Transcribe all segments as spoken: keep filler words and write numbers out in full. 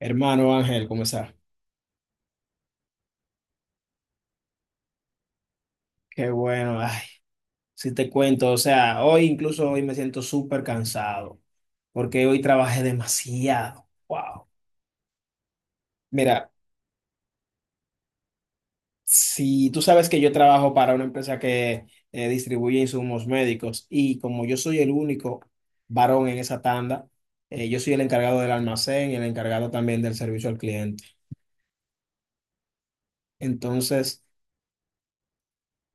Hermano Ángel, ¿cómo estás? Qué bueno, ay, si te cuento, o sea, hoy incluso hoy me siento súper cansado porque hoy trabajé demasiado. Wow. Mira, si tú sabes que yo trabajo para una empresa que eh, distribuye insumos médicos y como yo soy el único varón en esa tanda, eh, yo soy el encargado del almacén y el encargado también del servicio al cliente. Entonces...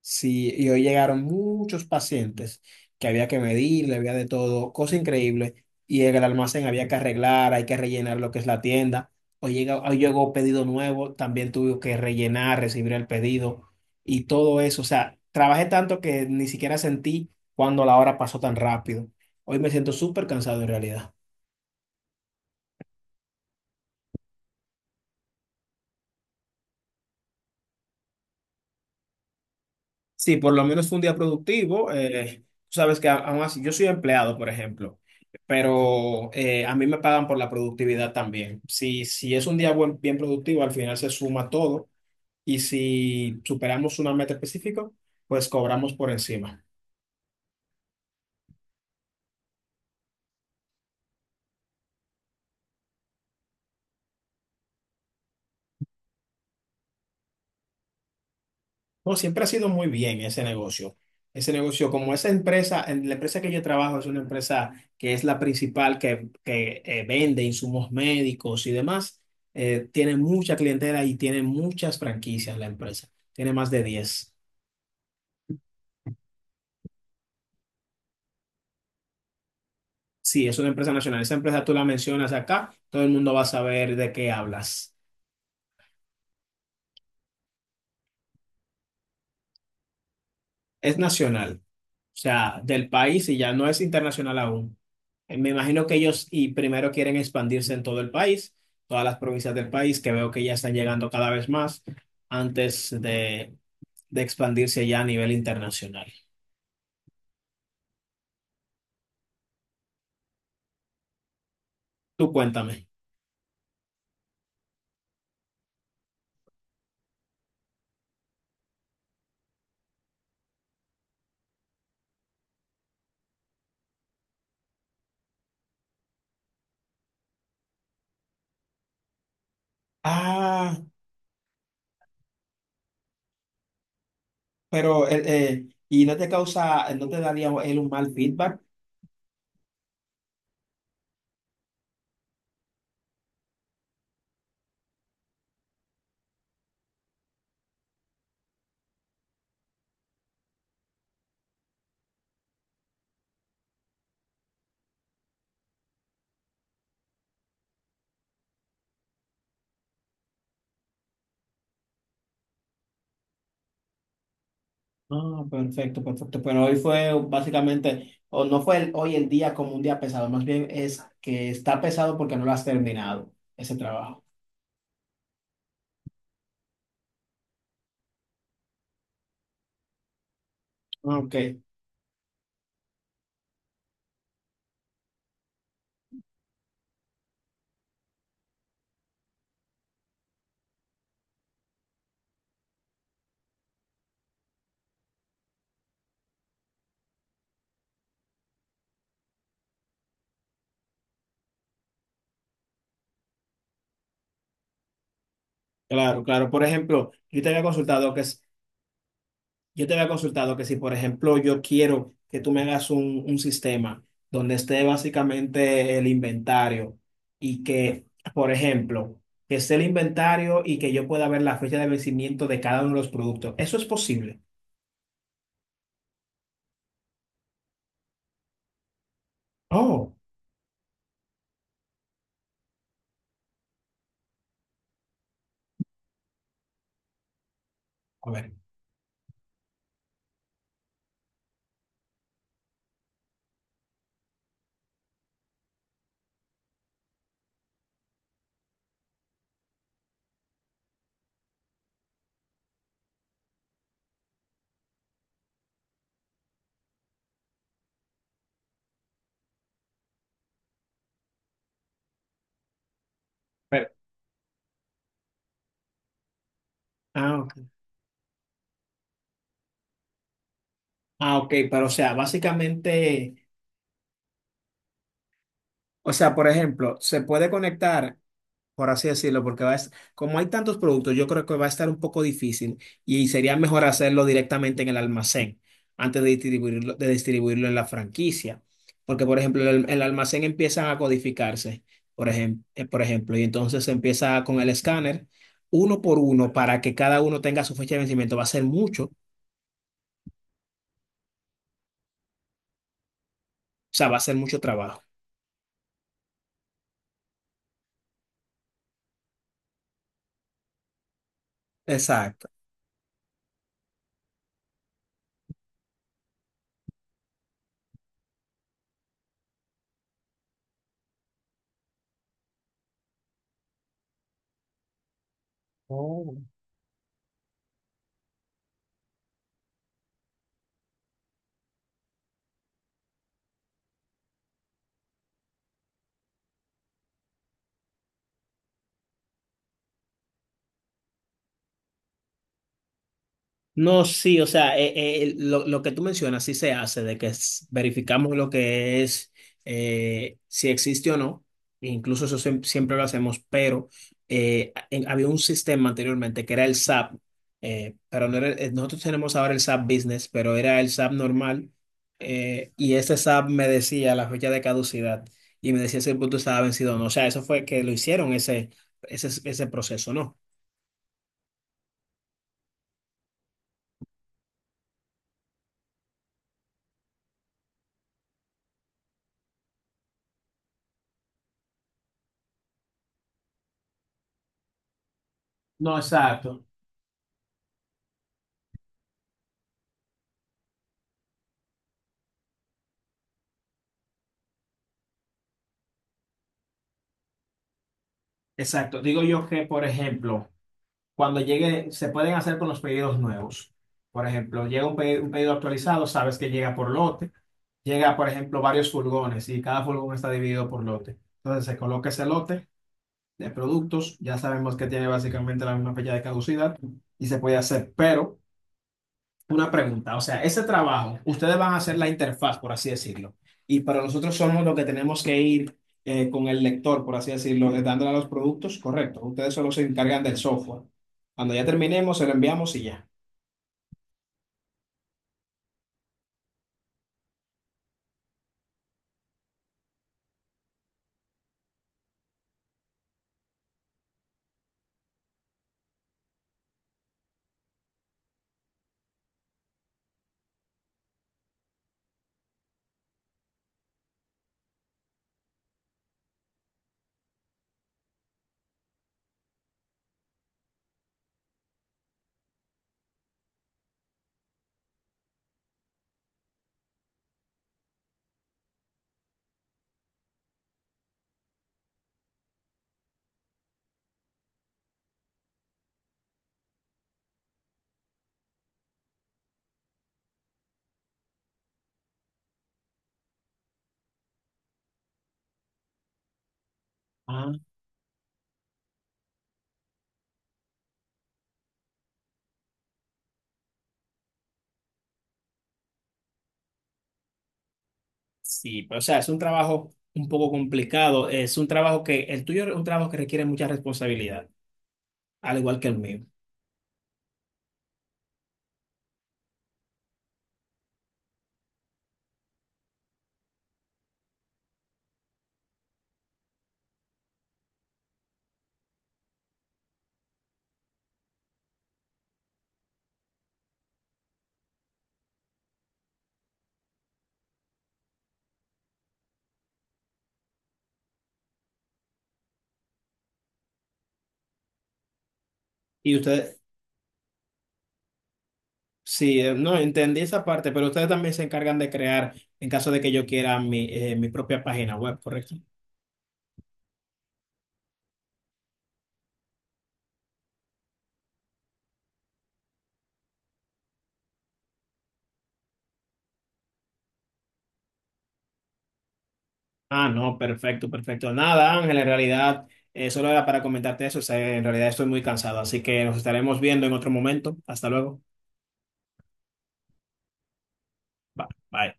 Sí, y hoy llegaron muchos pacientes que había que medirle, había de todo, cosa increíble. Y en el almacén había que arreglar, hay que rellenar lo que es la tienda. Hoy llega, hoy llegó pedido nuevo, también tuve que rellenar, recibir el pedido y todo eso. O sea, trabajé tanto que ni siquiera sentí cuando la hora pasó tan rápido. Hoy me siento súper cansado en realidad. Sí, por lo menos fue un día productivo. Eh, tú sabes que a- aún así, yo soy empleado, por ejemplo, pero eh, a mí me pagan por la productividad también. Si, si es un día buen- bien productivo, al final se suma todo y si superamos una meta específica, pues cobramos por encima. No, siempre ha sido muy bien ese negocio. Ese negocio, como esa empresa, en la empresa que yo trabajo es una empresa que es la principal que, que, eh, vende insumos médicos y demás, eh, tiene mucha clientela y tiene muchas franquicias la empresa. Tiene más de diez. Sí, es una empresa nacional. Esa empresa tú la mencionas acá, todo el mundo va a saber de qué hablas. Es nacional. O sea, del país y ya no es internacional aún. Eh, Me imagino que ellos y primero quieren expandirse en todo el país, todas las provincias del país, que veo que ya están llegando cada vez más antes de, de expandirse ya a nivel internacional. Tú cuéntame. Ah, pero eh, eh, ¿y no te causa, no te daría él un mal feedback? Ah, perfecto, perfecto. Pero hoy fue básicamente, o no fue el- hoy el día como un día pesado, más bien es que está pesado porque no lo has terminado, ese trabajo. Ah, ok, claro, claro. Por ejemplo, yo te había consultado que, s- yo te había consultado que si, por ejemplo, yo quiero que tú me hagas un, un sistema donde esté básicamente el inventario y que, por ejemplo, que esté el inventario y que yo pueda ver la fecha de vencimiento de cada uno de los productos. ¿Eso es posible? Oh, a ver. Pero, ah, ok. Ah, ok, pero o sea, básicamente, o sea, por ejemplo, se puede conectar, por así decirlo, porque va a es- como hay tantos productos, yo creo que va a estar un poco difícil y sería mejor hacerlo directamente en el almacén antes de distribuirlo, de distribuirlo en la franquicia. Porque, por ejemplo, el, el almacén empiezan a codificarse, por ejemplo, por ejemplo, y entonces se empieza con el escáner uno por uno para que cada uno tenga su fecha de vencimiento. Va a ser mucho, o sea, va a ser mucho trabajo. Exacto. Oh. No, sí, o sea, eh, eh, lo, lo que tú mencionas sí se hace, de que s- verificamos lo que es, eh, si existe o no, e incluso eso siem- siempre lo hacemos, pero eh, en- había un sistema anteriormente que era el SAP, eh, pero no era, eh, nosotros tenemos ahora el SAP Business, pero era el SAP normal, eh, y ese SAP me decía la fecha de caducidad y me decía si el producto estaba vencido o no, o sea, eso fue que lo hicieron ese, ese, ese proceso, ¿no? No, exacto, exacto. Digo yo que, por ejemplo, cuando llegue, se pueden hacer con los pedidos nuevos. Por ejemplo, llega un pedido, un pedido actualizado, sabes que llega por lote. Llega, por ejemplo, varios furgones y cada furgón está dividido por lote. Entonces se coloca ese lote de productos, ya sabemos que tiene básicamente la misma fecha de caducidad y se puede hacer, pero una pregunta, o sea, ese trabajo, ustedes van a hacer la interfaz, por así decirlo, y para nosotros somos los que tenemos que ir eh, con el lector, por así decirlo, eh, dándole a los productos, correcto. Ustedes solo se encargan del software. Cuando ya terminemos, se lo enviamos y ya. Ah, sí, pero o sea, es un trabajo un poco complicado. Es un trabajo que, el tuyo es un trabajo que requiere mucha responsabilidad, al igual que el mío. Y ustedes, sí, eh, no, entendí esa parte, pero ustedes también se encargan de crear, en caso de que yo quiera mi, eh, mi propia página web, ¿correcto? Ah, no, perfecto, perfecto. Nada, Ángel, en realidad eh, solo era para comentarte eso. O sea, en realidad estoy muy cansado, así que nos estaremos viendo en otro momento. Hasta luego. Ba- Bye.